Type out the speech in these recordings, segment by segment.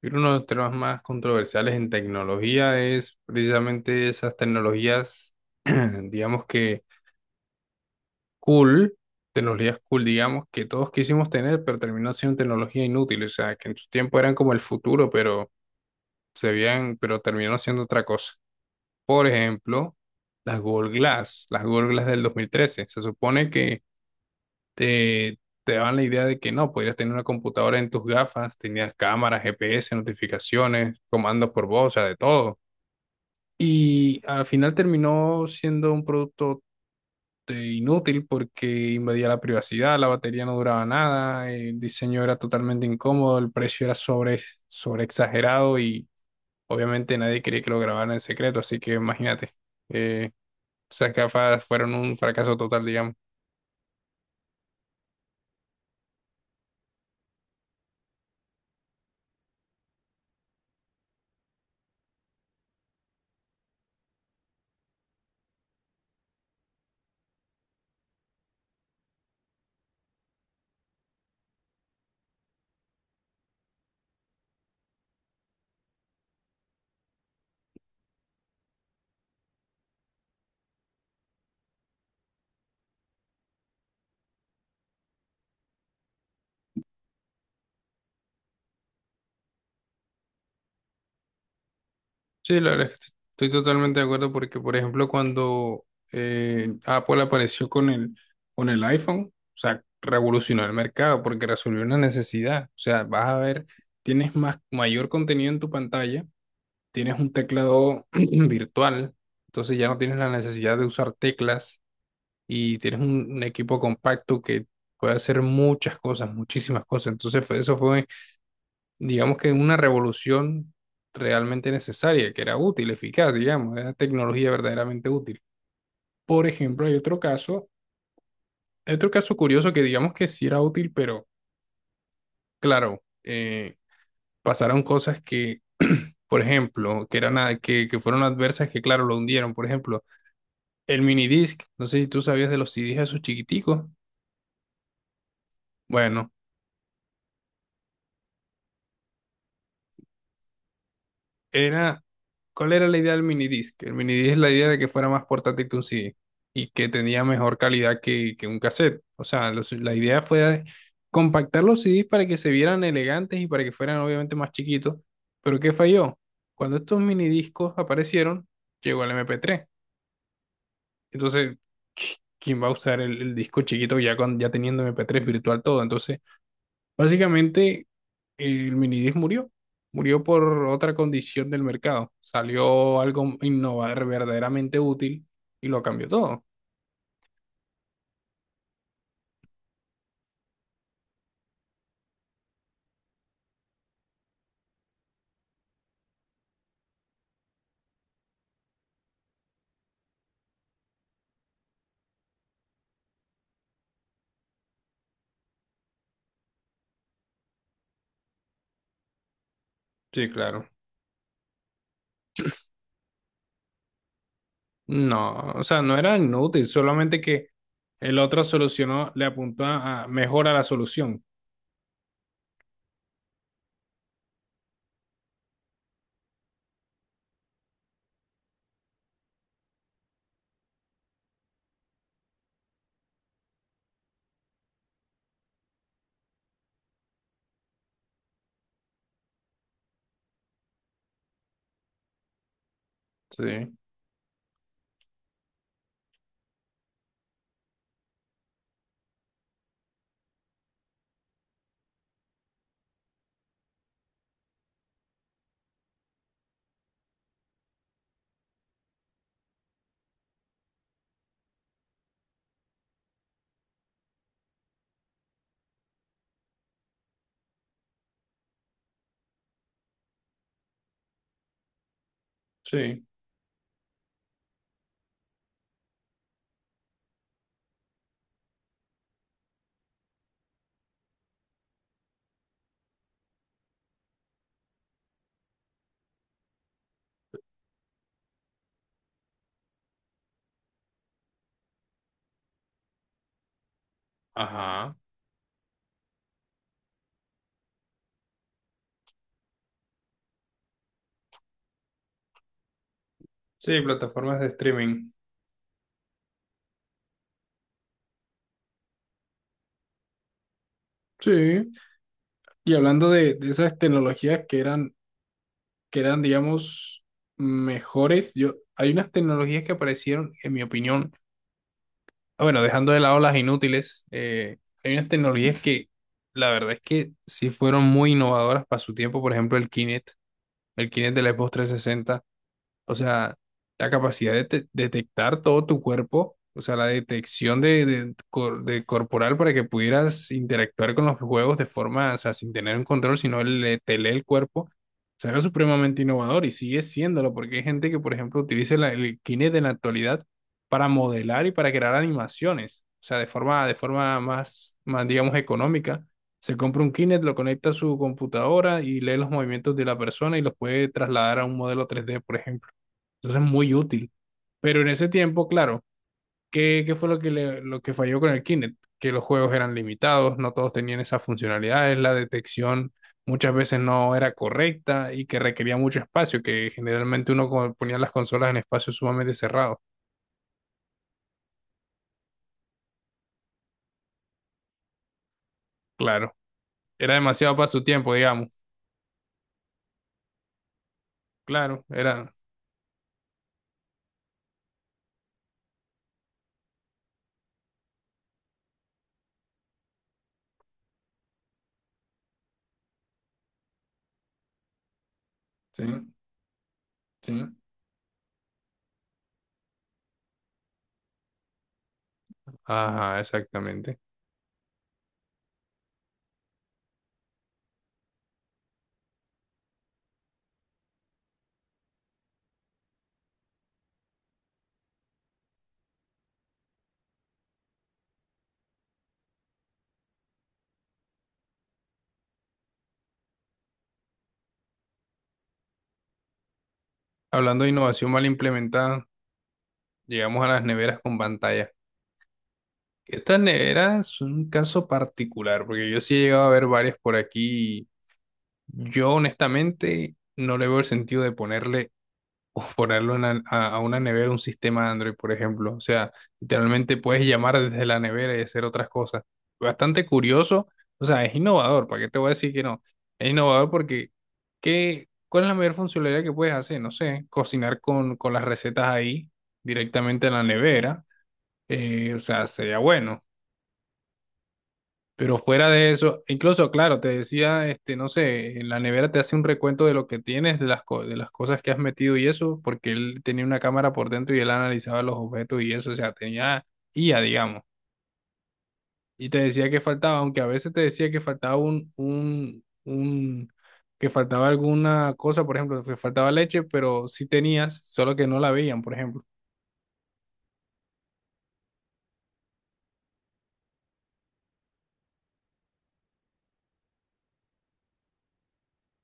Creo que uno de los temas más controversiales en tecnología es precisamente esas tecnologías, digamos que cool, tecnologías cool, digamos, que todos quisimos tener, pero terminó siendo tecnología inútil, o sea, que en su tiempo eran como el futuro, pero se veían, pero terminó siendo otra cosa. Por ejemplo, las Google Glass del 2013. Se supone que te daban la idea de que no, podías tener una computadora en tus gafas, tenías cámaras, GPS, notificaciones, comandos por voz, o sea, de todo. Y al final terminó siendo un producto inútil porque invadía la privacidad, la batería no duraba nada, el diseño era totalmente incómodo, el precio era sobre exagerado y obviamente nadie quería que lo grabaran en secreto, así que imagínate, eh, esas gafas fueron un fracaso total, digamos. Sí, la verdad es que estoy totalmente de acuerdo porque, por ejemplo, cuando Apple apareció con con el iPhone, o sea, revolucionó el mercado porque resolvió una necesidad. O sea, vas a ver, tienes más, mayor contenido en tu pantalla, tienes un teclado virtual, entonces ya no tienes la necesidad de usar teclas y tienes un equipo compacto que puede hacer muchas cosas, muchísimas cosas. Entonces, eso fue digamos que una revolución realmente necesaria, que era útil, eficaz, digamos, era tecnología verdaderamente útil. Por ejemplo, hay otro caso curioso que digamos que sí era útil, pero claro, pasaron cosas por ejemplo, que que fueron adversas, que claro, lo hundieron. Por ejemplo, el minidisc, no sé si tú sabías de los CDs esos chiquiticos. Bueno, era, ¿cuál era la idea del minidisc? El minidisc, la idea era que fuera más portátil que un CD y que tenía mejor calidad que un cassette. O sea, la idea fue compactar los CDs para que se vieran elegantes y para que fueran obviamente más chiquitos. Pero ¿qué falló? Cuando estos minidiscos aparecieron, llegó el MP3. Entonces, ¿quién va a usar el disco chiquito ya, con, ya teniendo MP3 virtual todo? Entonces, básicamente, el Minidisc murió. Murió por otra condición del mercado. Salió algo innovar verdaderamente útil y lo cambió todo. Sí, claro. No, o sea, no era inútil, solamente que el otro solucionó, le apuntó a mejora la solución. Sí, sí, ajá. Sí, plataformas de streaming. Sí. Y hablando de esas tecnologías que eran, digamos, mejores, yo, hay unas tecnologías que aparecieron, en mi opinión, bueno, dejando de lado las inútiles, hay unas tecnologías que la verdad es que sí fueron muy innovadoras para su tiempo. Por ejemplo, el Kinect del Xbox 360. O sea, la capacidad de detectar todo tu cuerpo, o sea, la detección de, de corporal para que pudieras interactuar con los juegos de forma, o sea, sin tener un control, sino le, te lee el cuerpo. O sea, era supremamente innovador y sigue siéndolo, porque hay gente que, por ejemplo, utiliza el Kinect en la actualidad para modelar y para crear animaciones. O sea, de forma más, más, digamos, económica. Se compra un Kinect, lo conecta a su computadora y lee los movimientos de la persona y los puede trasladar a un modelo 3D, por ejemplo. Entonces es muy útil. Pero en ese tiempo, claro, ¿qué, qué fue lo que, lo que falló con el Kinect? Que los juegos eran limitados, no todos tenían esas funcionalidades, la detección muchas veces no era correcta y que requería mucho espacio, que generalmente uno ponía las consolas en espacios sumamente cerrados. Claro, era demasiado para su tiempo, digamos. Claro, era... Sí, sí. Ajá, exactamente. Hablando de innovación mal implementada, llegamos a las neveras con pantalla. Esta nevera es un caso particular, porque yo sí he llegado a ver varias por aquí. Yo honestamente no le veo el sentido de ponerle o ponerlo en a una nevera un sistema Android, por ejemplo. O sea, literalmente puedes llamar desde la nevera y hacer otras cosas. Bastante curioso, o sea, es innovador, ¿para qué te voy a decir que no? Es innovador porque ¿cuál es la mayor funcionalidad que puedes hacer? No sé, cocinar con las recetas ahí directamente en la nevera. O sea, sería bueno. Pero fuera de eso, incluso, claro, te decía, este, no sé, en la nevera te hace un recuento de lo que tienes, de las, de las cosas que has metido y eso, porque él tenía una cámara por dentro y él analizaba los objetos y eso, o sea, tenía IA, digamos. Y te decía que faltaba, aunque a veces te decía que faltaba un, que faltaba alguna cosa, por ejemplo, que faltaba leche, pero sí tenías, solo que no la veían, por ejemplo.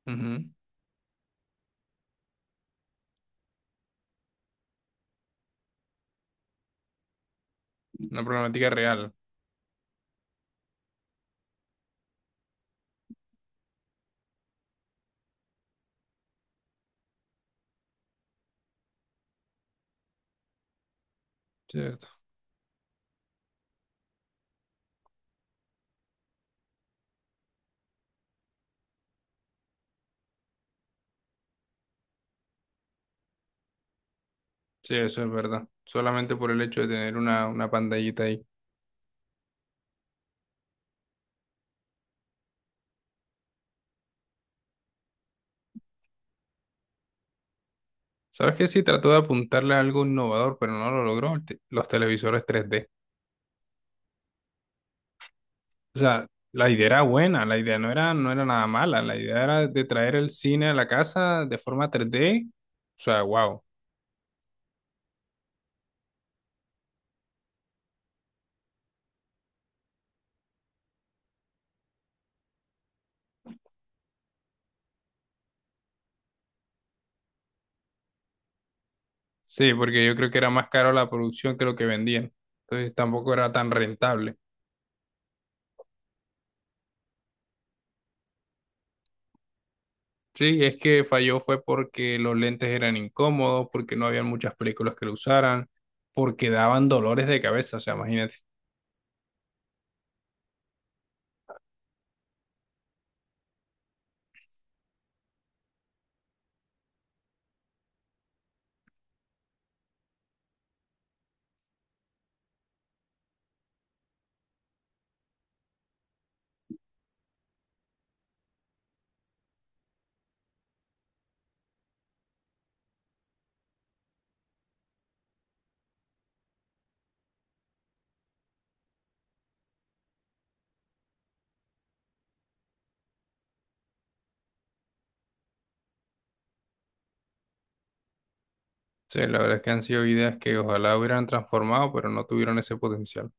Ujú. Una problemática real, ¿cierto? Sí, eso es verdad. Solamente por el hecho de tener una pantallita ahí. ¿Sabes qué? Sí, trató de apuntarle a algo innovador, pero no lo logró, el los televisores 3D. O sea, la idea era buena, la idea no era, no era nada mala, la idea era de traer el cine a la casa de forma 3D. O sea, wow. Sí, porque yo creo que era más caro la producción que lo que vendían. Entonces tampoco era tan rentable. Sí, es que falló fue porque los lentes eran incómodos, porque no habían muchas películas que lo usaran, porque daban dolores de cabeza, o sea, imagínate. Sí, la verdad es que han sido ideas que ojalá hubieran transformado, pero no tuvieron ese potencial.